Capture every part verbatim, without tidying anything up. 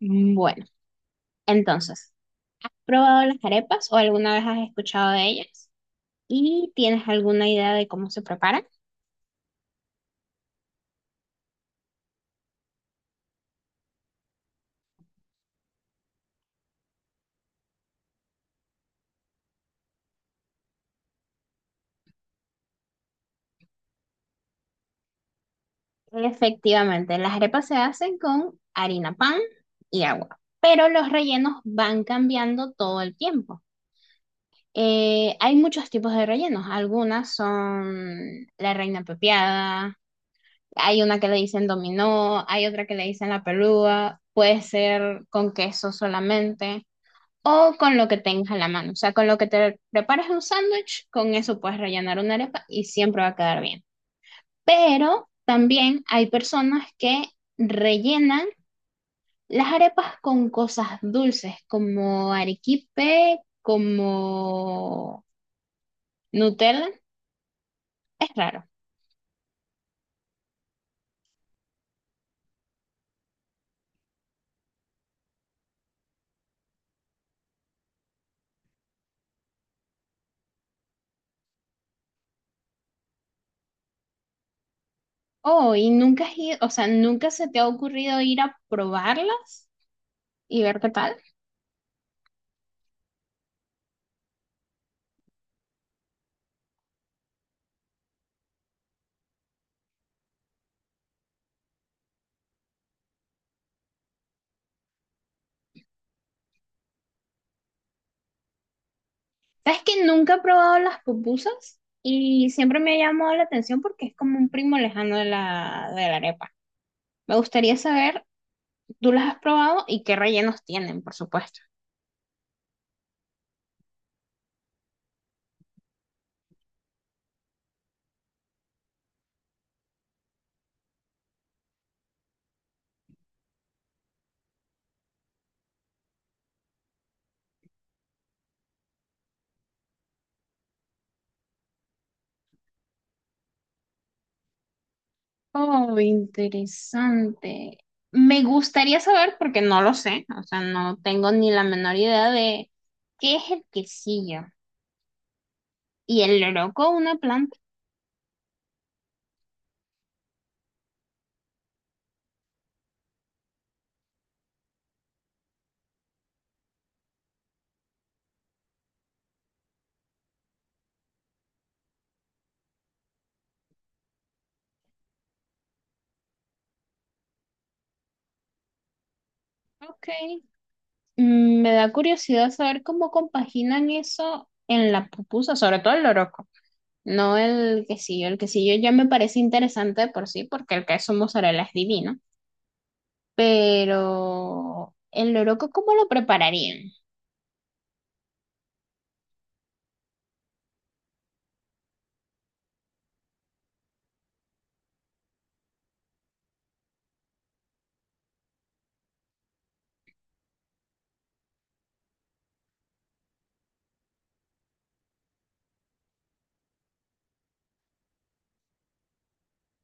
Mm, Bueno, entonces, ¿probado las arepas o alguna vez has escuchado de ellas? ¿Y tienes alguna idea de cómo se preparan? Efectivamente, las arepas se hacen con harina pan y agua, pero los rellenos van cambiando todo el tiempo. Eh, hay muchos tipos de rellenos, algunas son la reina pepiada, hay una que le dicen dominó, hay otra que le dicen la pelúa, puede ser con queso solamente. O con lo que tengas a la mano. O sea, con lo que te prepares un sándwich, con eso puedes rellenar una arepa y siempre va a quedar bien. Pero también hay personas que rellenan las arepas con cosas dulces, como arequipe, como Nutella. Es raro. Oh, y nunca has ido- o sea, nunca se te ha ocurrido ir a probarlas y ver qué tal. Sabes que nunca he probado las pupusas y siempre me ha llamado la atención porque es como un primo lejano de la, de la arepa. Me gustaría saber, ¿tú las has probado y qué rellenos tienen, por supuesto? Oh, interesante. Me gustaría saber porque no lo sé, o sea, no tengo ni la menor idea de qué es el quesillo y el loroco, una planta. Ok. Mm, Me da curiosidad saber cómo compaginan eso en la pupusa, sobre todo el loroco. No el quesillo, el quesillo ya me parece interesante de por sí, porque el queso mozzarella es divino. Pero el loroco, ¿cómo lo prepararían?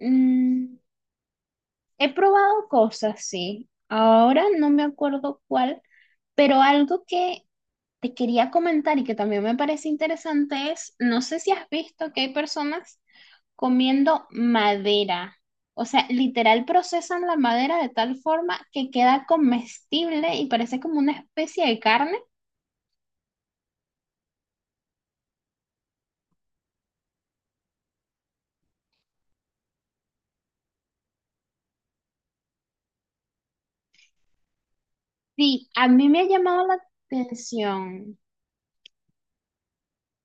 Mm, he probado cosas, sí. Ahora no me acuerdo cuál, pero algo que te quería comentar y que también me parece interesante es, no sé si has visto que hay personas comiendo madera. O sea, literal procesan la madera de tal forma que queda comestible y parece como una especie de carne. Sí, a mí me ha llamado la atención.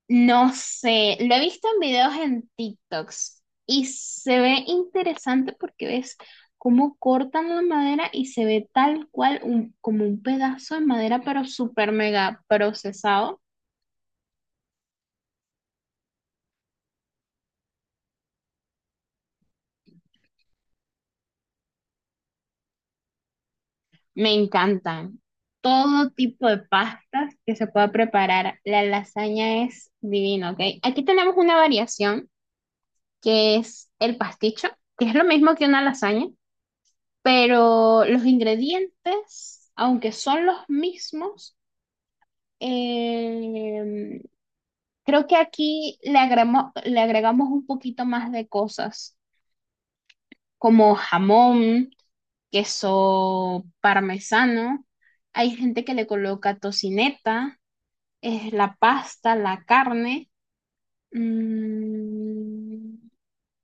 No sé, lo he visto en videos en TikToks y se ve interesante porque ves cómo cortan la madera y se ve tal cual un- como un pedazo de madera, pero súper mega procesado. Me encantan todo tipo de pastas que se pueda preparar. La lasaña es divina, ¿ok? Aquí tenemos una variación que es el pasticho, que es lo mismo que una lasaña pero los ingredientes, aunque son los mismos, eh, creo que aquí le agregamos, le agregamos un poquito más de cosas, como jamón, queso parmesano. Hay gente que le coloca tocineta, es la pasta, la carne, mm,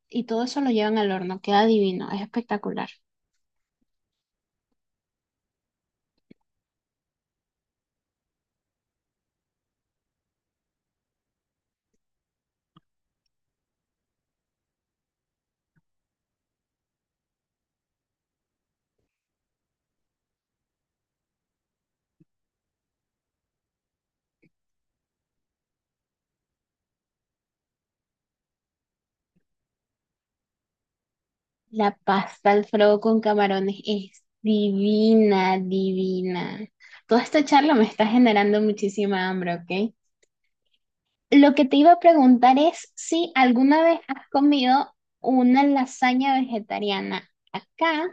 y todo eso lo llevan al horno, queda divino, es espectacular. La pasta Alfredo con camarones es divina, divina. Toda esta charla me está generando muchísima hambre, ¿ok? Lo que te iba a preguntar es si alguna vez has comido una lasaña vegetariana. Acá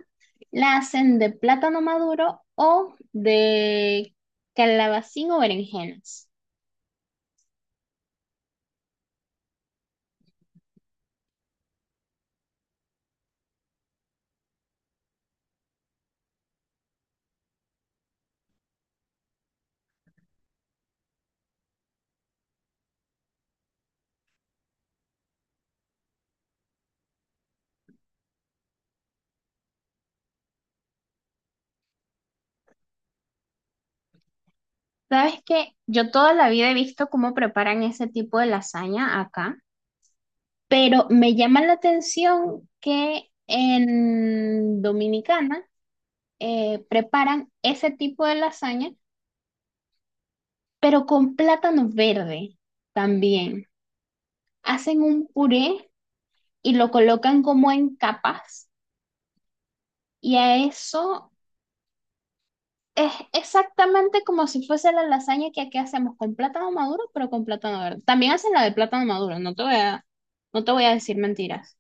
la hacen de plátano maduro o de calabacín o berenjenas. ¿Sabes qué? Yo toda la vida he visto cómo preparan ese tipo de lasaña acá. Pero me llama la atención que en Dominicana eh, preparan ese tipo de lasaña, pero con plátano verde también. Hacen un puré y lo colocan como en capas y a eso es exactamente como si fuese la lasaña que aquí hacemos con plátano maduro, pero con plátano verde. También hacen la de plátano maduro, no te voy a, no te voy a decir mentiras.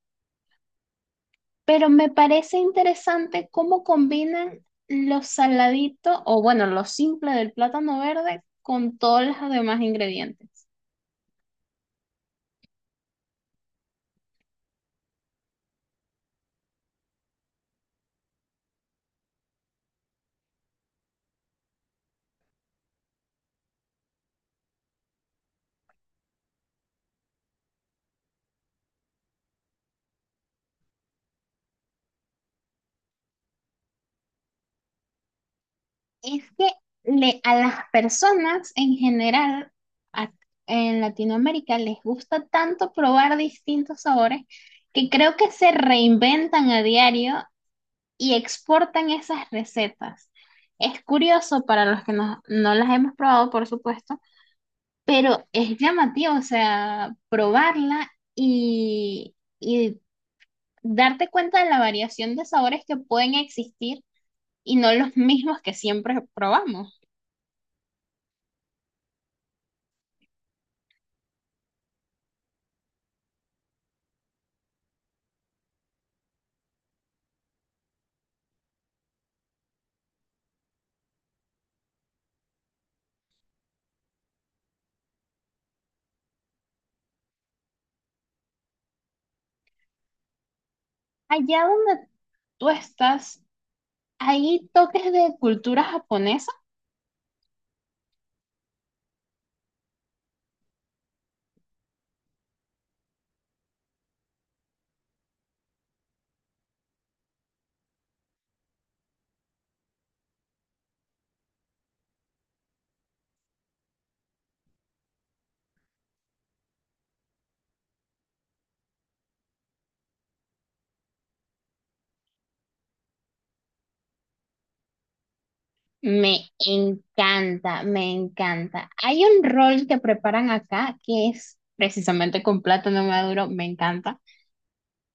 Pero me parece interesante cómo combinan lo saladito o bueno, lo simple del plátano verde con todos los demás ingredientes. Es que le, a las personas en general a- en Latinoamérica les gusta tanto probar distintos sabores que creo que se reinventan a diario y exportan esas recetas. Es curioso para los que no, no las hemos probado, por supuesto. Pero es llamativo, o sea, probarla y, y darte cuenta de la variación de sabores que pueden existir y no los mismos que siempre probamos. Allá donde tú estás, hay toques de cultura japonesa. Me encanta, me encanta. Hay un rol que preparan acá que es precisamente con plátano maduro, me encanta.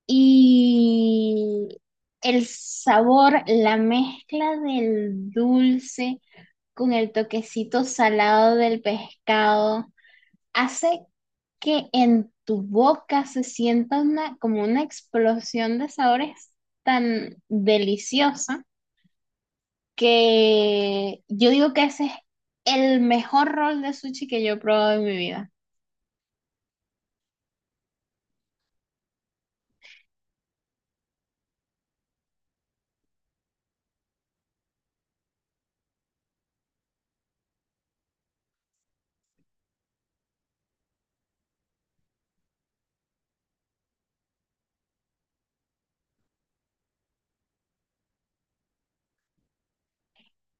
Y el sabor, la mezcla del dulce con el toquecito salado del pescado, hace que en tu boca se sienta una, como una explosión de sabores tan deliciosa que yo digo que ese es el mejor rol de sushi que yo he probado en mi vida.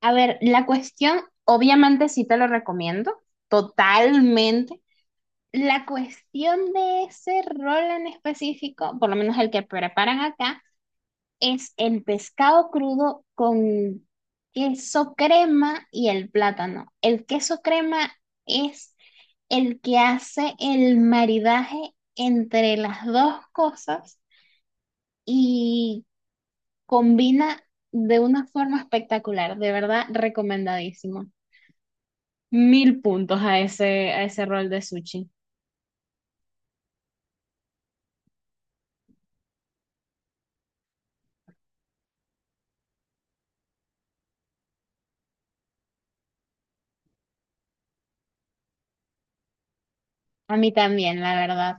A ver, la cuestión, obviamente sí te lo recomiendo, totalmente. La cuestión de ese rol en específico, por lo menos el que preparan acá, es el pescado crudo con queso crema y el plátano. El queso crema es el que hace el maridaje entre las dos cosas y combina de una forma espectacular, de verdad recomendadísimo. Mil puntos a ese, a ese rol de sushi. A mí también, la verdad.